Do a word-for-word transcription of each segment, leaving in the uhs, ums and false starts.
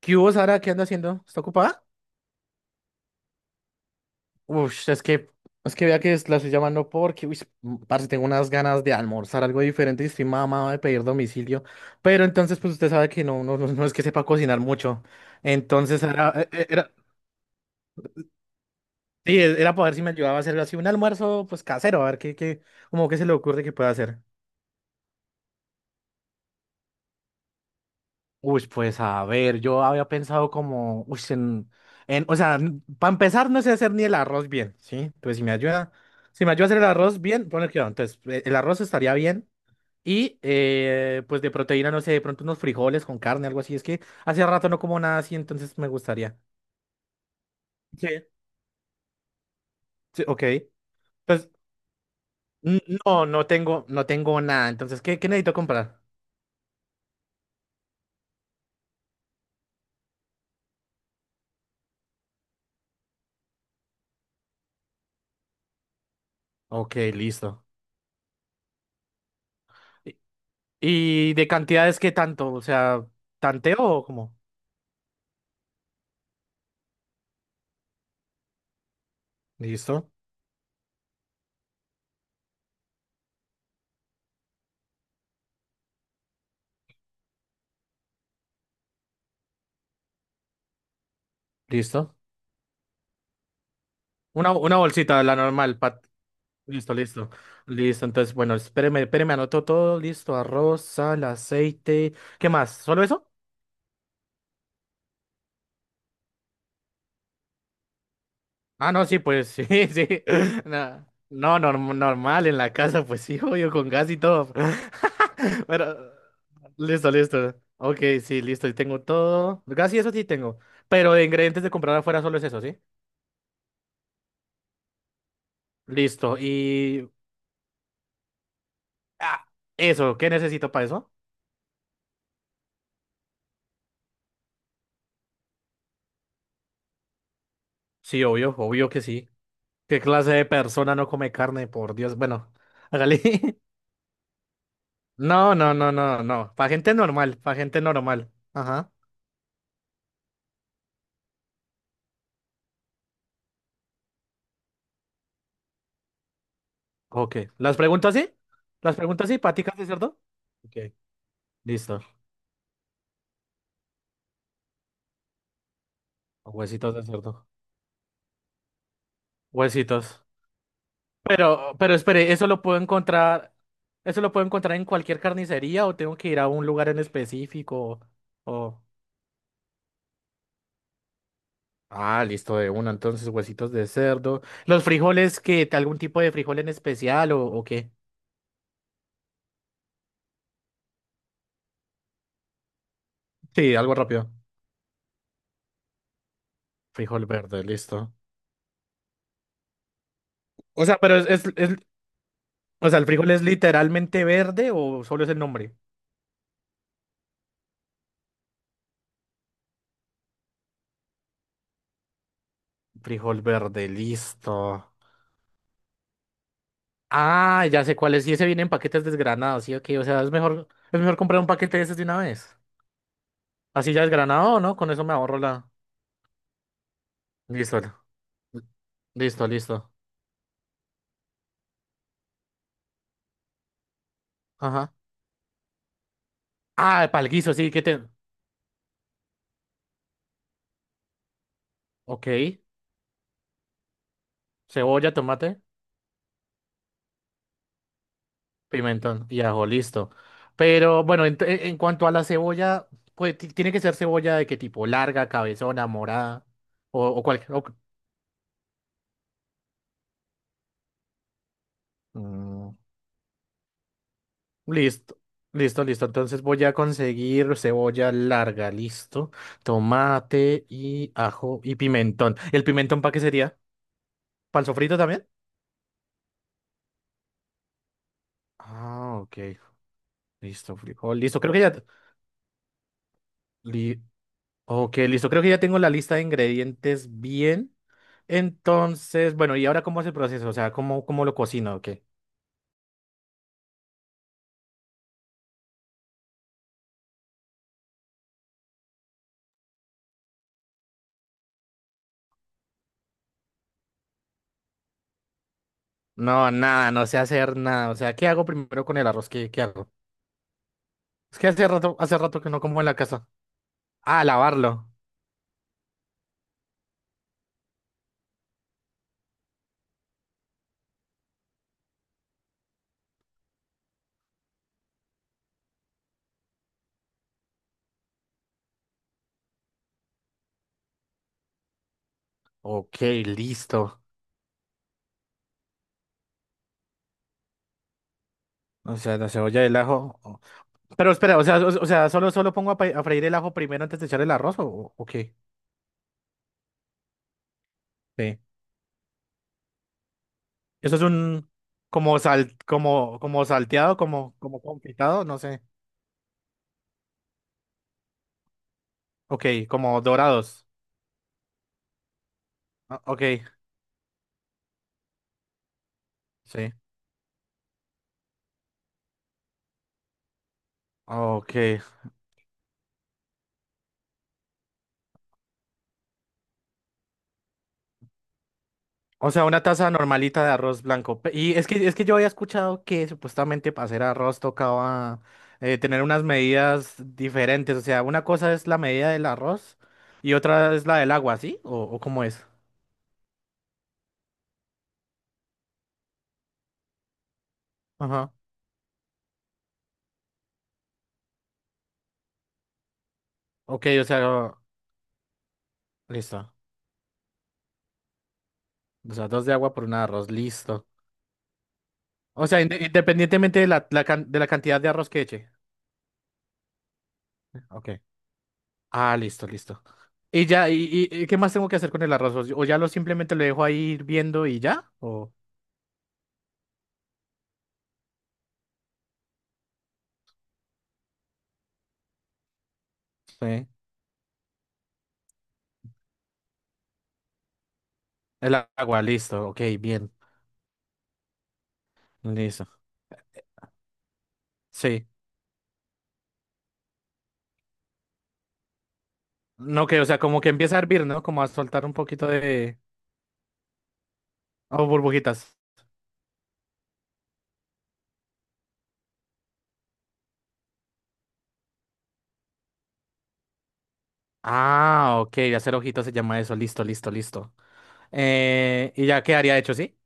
¿Qué hubo, Sara? ¿Qué anda haciendo? ¿Está ocupada? Uf, es que, es que vea que es- la estoy llamando porque, uy, parce, tengo unas ganas de almorzar algo diferente y estoy mamado de pedir domicilio. Pero entonces, pues usted sabe que no, no, no no es que sepa cocinar mucho. Entonces, Sara, eh, eh, era, sí, era para ver si me ayudaba a hacer así un almuerzo, pues casero, a ver qué, qué, como que se le ocurre que pueda hacer. Uy, pues a ver, yo había pensado como, uy, en, en- o sea, para empezar no sé hacer ni el arroz bien, ¿sí? Pues si me ayuda, si me ayuda a hacer el arroz bien, pone cuidado, entonces eh, el arroz estaría bien y eh, pues de proteína, no sé, de pronto unos frijoles con carne, algo así, es que hace rato no como nada así, entonces me gustaría. Sí. Sí, ok. Pues n- no, no tengo, no tengo nada, entonces, ¿qué, qué necesito comprar? Ok, listo. ¿Y, y de cantidades qué tanto? O sea, ¿tanteo o cómo? Listo. Listo. Una, una bolsita, la normal, Pat. Listo, listo. Listo. Entonces, bueno, espéreme, espéreme, anoto todo. Listo. Arroz, sal, aceite. ¿Qué más? ¿Solo eso? Ah, no, sí, pues sí, sí. Na- No, norm- normal en la casa, pues sí, obvio, con gas y todo. Pero, listo, listo. Ok, sí, listo. Y tengo todo. Gas y eso sí tengo. Pero de ingredientes de comprar afuera solo es eso, ¿sí? Listo. Y. Ah, eso, ¿qué necesito para eso? Sí, obvio, obvio que sí. ¿Qué clase de persona no come carne? Por Dios. Bueno, hágale. No, no, no, no, no. Para gente normal, para gente normal. Ajá. Ok. ¿Las preguntas sí? ¿Las preguntas sí? ¿Paticas de cerdo? Ok. Listo. Huesitos de cerdo. Huesitos. Pero, pero espere, ¿eso lo puedo encontrar? ¿Eso lo puedo encontrar en cualquier carnicería o tengo que ir a un lugar en específico? O... Ah, listo, de una. Entonces, huesitos de cerdo. ¿Los frijoles, qué? ¿Algún tipo de frijol en especial o, o qué? Sí, algo rápido. Frijol verde, listo. O sea, pero es, es, es- o sea, ¿el frijol es literalmente verde o solo es el nombre? Frijol verde, listo. Ah, ya sé cuál es. Y ese viene en paquetes desgranados, sí, ok. O sea, es mejor, es mejor comprar un paquete de esos de una vez. Así ya desgranado, ¿no? Con eso me ahorro la. Listo. Listo, listo. Ajá. Ah, palguiso, sí, que te. Ok. Cebolla, tomate. Pimentón y ajo, listo. Pero bueno, en, en cuanto a la cebolla, pues ti- tiene que ser cebolla de qué tipo, larga, cabezona, morada o, o cualquier. O- mm, listo, listo, listo. Entonces voy a conseguir cebolla larga, listo. Tomate y ajo y pimentón. ¿El pimentón para qué sería? ¿Para el sofrito también? Ah, ok. Listo, frijol, listo. Creo que ya. Ok, listo. Creo que ya tengo la lista de ingredientes bien. Entonces, bueno, ¿y ahora cómo es el proceso? O sea, ¿cómo, cómo lo cocino o qué? No, nada, no sé hacer nada. O sea, ¿qué hago primero con el arroz? ¿Qué, qué hago? Es que hace rato, hace rato que no como en la casa. Ah, lavarlo. Ok, listo. O sea, la cebolla y el ajo. o- Pero espera, o sea, o, o sea, solo, solo pongo a, pe- a freír el ajo primero antes de echar el arroz o, o qué? Sí. Eso es un como sal, como, como salteado, como, como confitado, no sé. Ok, como dorados. Ah, ok, sí. Ok. O sea, una taza normalita de arroz blanco. Pe- Y es que, es que yo había escuchado que supuestamente para hacer arroz tocaba eh, tener unas medidas diferentes. O sea, una cosa es la medida del arroz y otra es la del agua, ¿sí? ¿O, o cómo es? Ajá. Ok, o sea, listo. O sea, dos de agua por una de arroz, listo. O sea, inde- independientemente de la, la can- de la cantidad de arroz que eche. Ok. Ah, listo, listo. Y ya, y, y- y qué más tengo que hacer con el arroz? ¿O ya lo simplemente lo dejo ahí hirviendo y ya? ¿O sí. El agua, listo, ok, bien. Listo. Sí. No, que, o sea, como que empieza a hervir, ¿no? Como a soltar un poquito de... Oh, burbujitas. Ah, ok, hacer ojitos se llama eso. Listo, listo, listo. Eh, y ya quedaría hecho, ¿sí?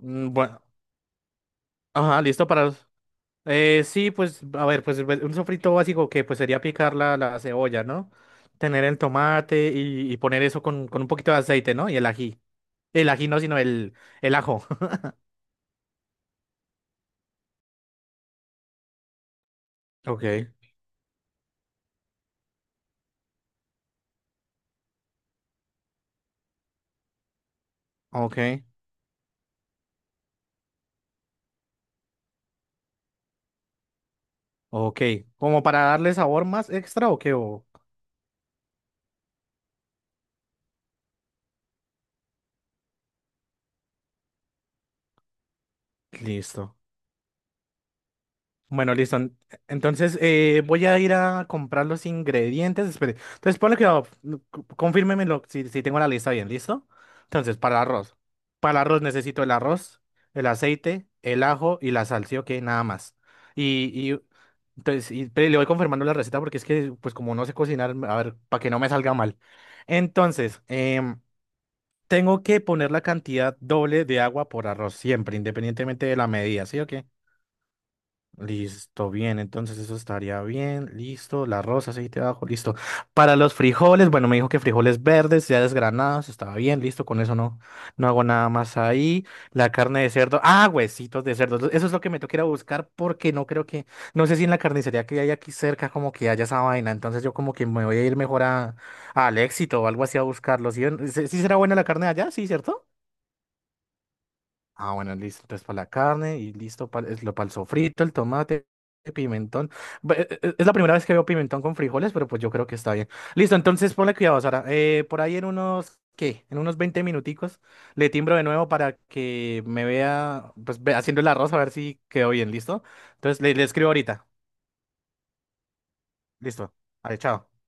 Mm, bueno, ajá, listo para... Eh, sí, pues, a ver, pues pues, un sofrito básico que pues sería picar la, la cebolla, ¿no? Tener el tomate y, y poner eso con, con un poquito de aceite, ¿no? Y el ají. El ají no, sino el, el ajo. Ok. Ok, ok. ¿Como para darle sabor más extra o qué? O- Listo. Bueno, listo. En- Entonces eh, voy a ir a comprar los ingredientes. Espere. Entonces ponle que no, c- confírmemelo si, si tengo la lista bien. ¿Listo? Entonces, para el arroz. Para el arroz necesito el arroz, el aceite, el ajo y la sal. ¿Sí o qué? Nada más. Y, y entonces y, pero le voy confirmando la receta porque es que, pues como no sé cocinar, a ver, para que no me salga mal. Entonces, em, tengo que poner la cantidad doble de agua por arroz siempre, independientemente de la medida. ¿Sí o qué? Listo, bien, entonces eso estaría bien, listo, la rosa, aceite de ajo, listo. Para los frijoles, bueno, me dijo que frijoles verdes, ya desgranados, estaba bien, listo, con eso no, no hago nada más ahí. La carne de cerdo, ah, huesitos de cerdo, eso es lo que me toca ir a buscar porque no creo que, no sé si en la carnicería que hay aquí cerca como que haya esa vaina, entonces yo como que me voy a ir mejor a, al Éxito o algo así a buscarlo, ¿sí? ¿Sí sí será buena la carne de allá? Sí, ¿cierto? Ah, bueno, listo. Entonces para la carne y listo para el, para el sofrito, el tomate, el pimentón. Bu- eh, eh, Es la primera vez que veo pimentón con frijoles, pero pues yo creo que está bien. Listo, entonces ponle cuidado, Sara. Eh, por ahí en unos, ¿qué? En unos veinte minuticos le timbro de nuevo para que me vea, pues ve- haciendo el arroz a ver si quedó bien, ¿listo? Entonces le, le escribo ahorita. Listo. Vale, chao.